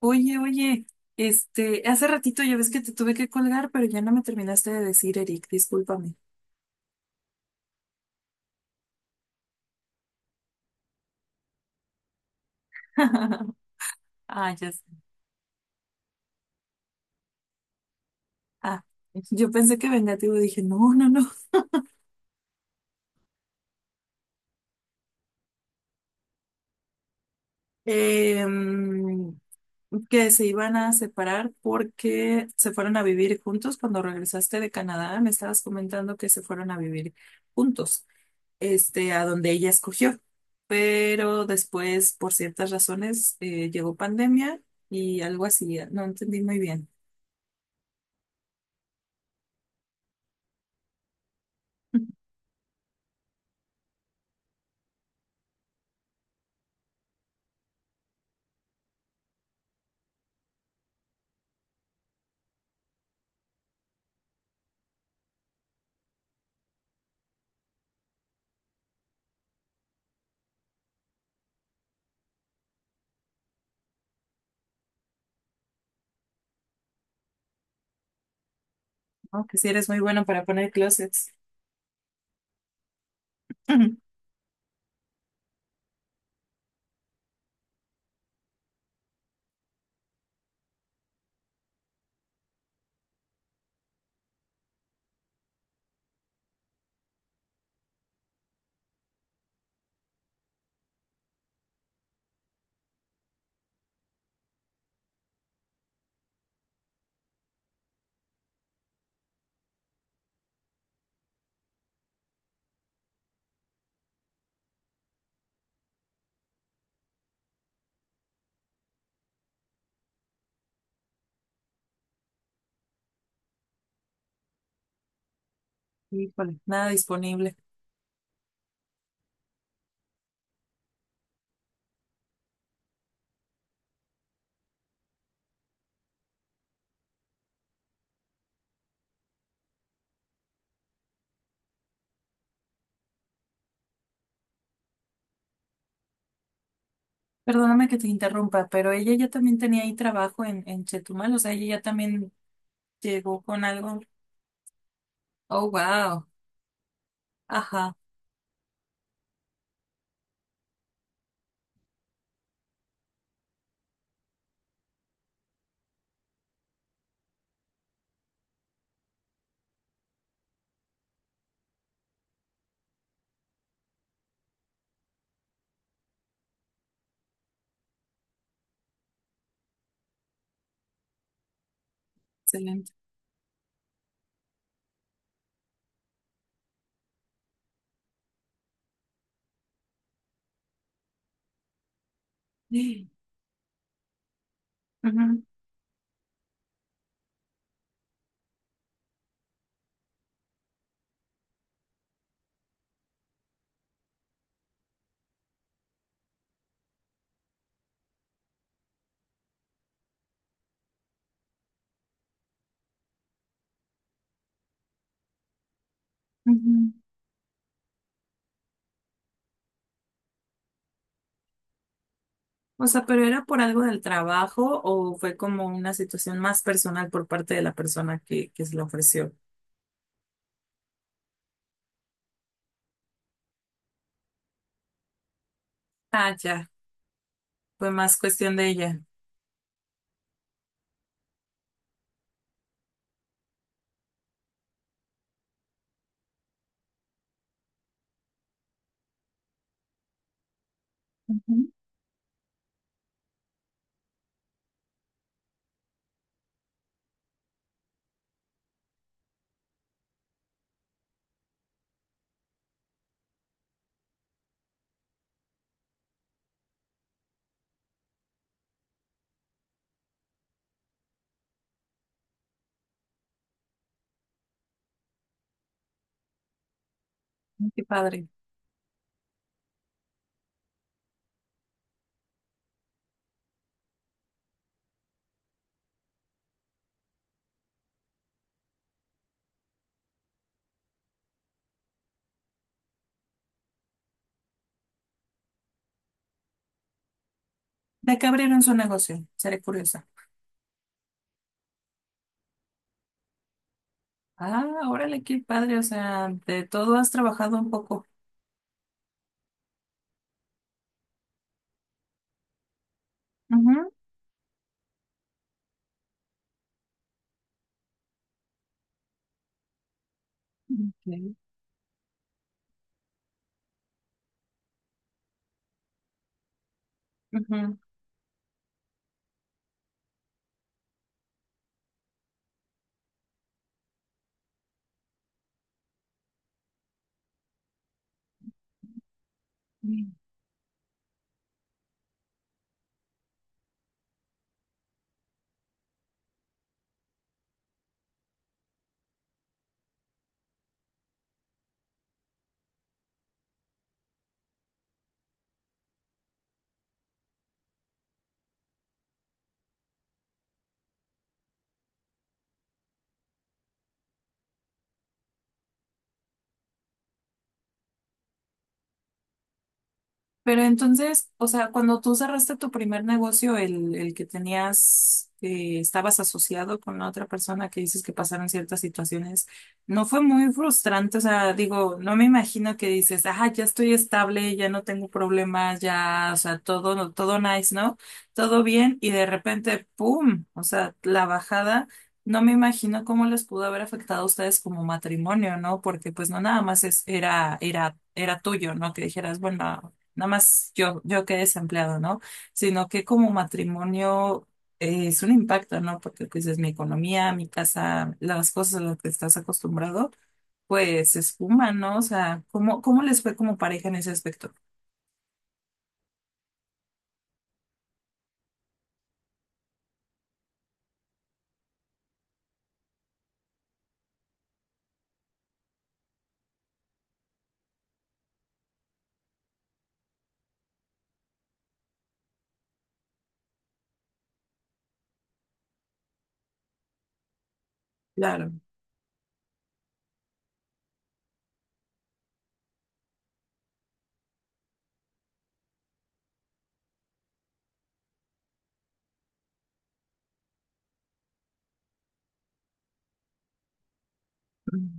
Oye, oye, hace ratito ya ves que te tuve que colgar, pero ya no me terminaste de decir, Eric, discúlpame. Ah, ya sé. Ah, yo pensé que vengativo, dije, no, no, no. Em, que se iban a separar porque se fueron a vivir juntos. Cuando regresaste de Canadá, me estabas comentando que se fueron a vivir juntos, a donde ella escogió. Pero después, por ciertas razones, llegó pandemia y algo así, no entendí muy bien. Oh, que si eres muy bueno para poner closets. Híjole, nada disponible. Perdóname que te interrumpa, pero ella ya también tenía ahí trabajo en Chetumal, o sea, ella ya también llegó con algo. Oh, wow. Ajá, excelente. Sí. Ujú, ujú. O sea, pero era por algo del trabajo o fue como una situación más personal por parte de la persona que se lo ofreció. Ah, ya, fue más cuestión de ella. Ujú, qué padre. ¿De qué abrieron su negocio? Seré curiosa. Ah, órale, qué padre, o sea, de todo has trabajado un poco. Ujú. Ok, ujú. Pero entonces, o sea, cuando tú cerraste tu primer negocio, el que tenías, estabas asociado con la otra persona que dices que pasaron ciertas situaciones, ¿no fue muy frustrante? O sea, digo, no me imagino que dices, ah, ya estoy estable, ya no tengo problemas, ya, o sea, todo, no, todo nice, ¿no? Todo bien, y de repente, ¡pum! O sea, la bajada. No me imagino cómo les pudo haber afectado a ustedes como matrimonio, ¿no? Porque pues no nada más era tuyo, ¿no? Que dijeras, bueno, nada más yo quedé desempleado, ¿no? Sino que como matrimonio es un impacto, ¿no? Porque pues es mi economía, mi casa, las cosas a las que estás acostumbrado, pues se esfuman, ¿no? O sea, ¿cómo les fue como pareja en ese aspecto? Claro. Mm.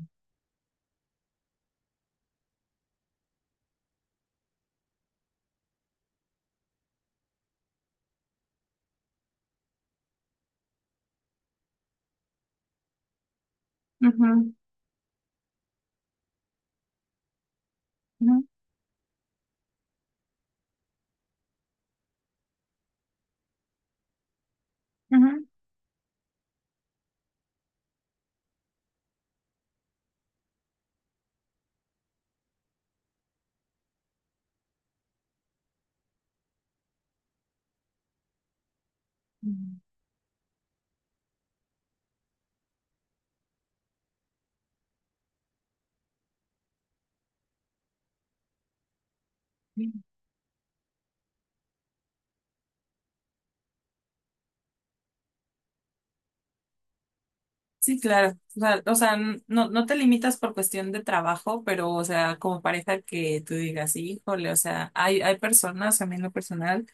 Ujú, ujú, ujú. Sí, claro. O sea, no, no te limitas por cuestión de trabajo, pero, o sea, como pareja que tú digas, híjole, o sea, hay personas, a mí en lo personal,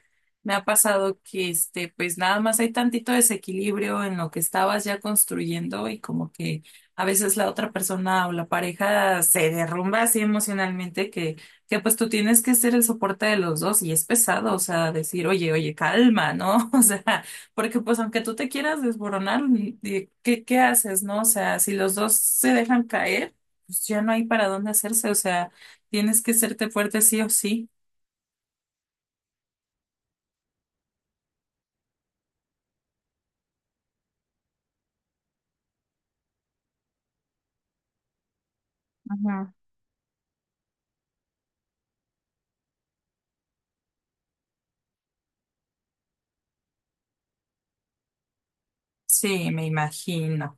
me ha pasado que, pues nada más hay tantito desequilibrio en lo que estabas ya construyendo y como que a veces la otra persona o la pareja se derrumba así emocionalmente que pues tú tienes que ser el soporte de los dos y es pesado, o sea, decir, oye, oye, calma, ¿no? O sea, porque pues aunque tú te quieras desboronar, ¿qué, qué haces, no? O sea, si los dos se dejan caer, pues ya no hay para dónde hacerse. O sea, tienes que serte fuerte sí o sí. Ajá. Sí, me imagino.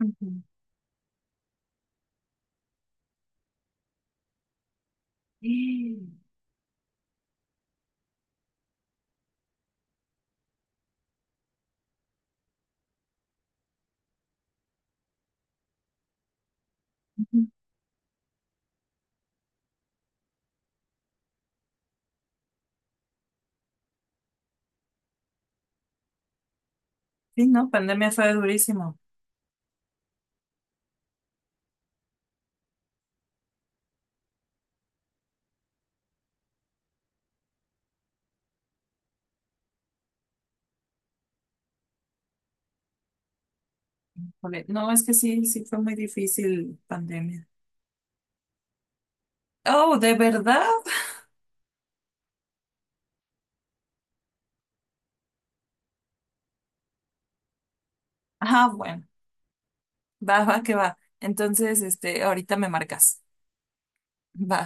Ujú. Sí, no, pandemia fue durísimo. Híjole, no, es que sí, sí fue muy difícil pandemia. Oh, ¿de verdad? Ah, bueno, va, va, que va. Entonces, ahorita me marcas. Va.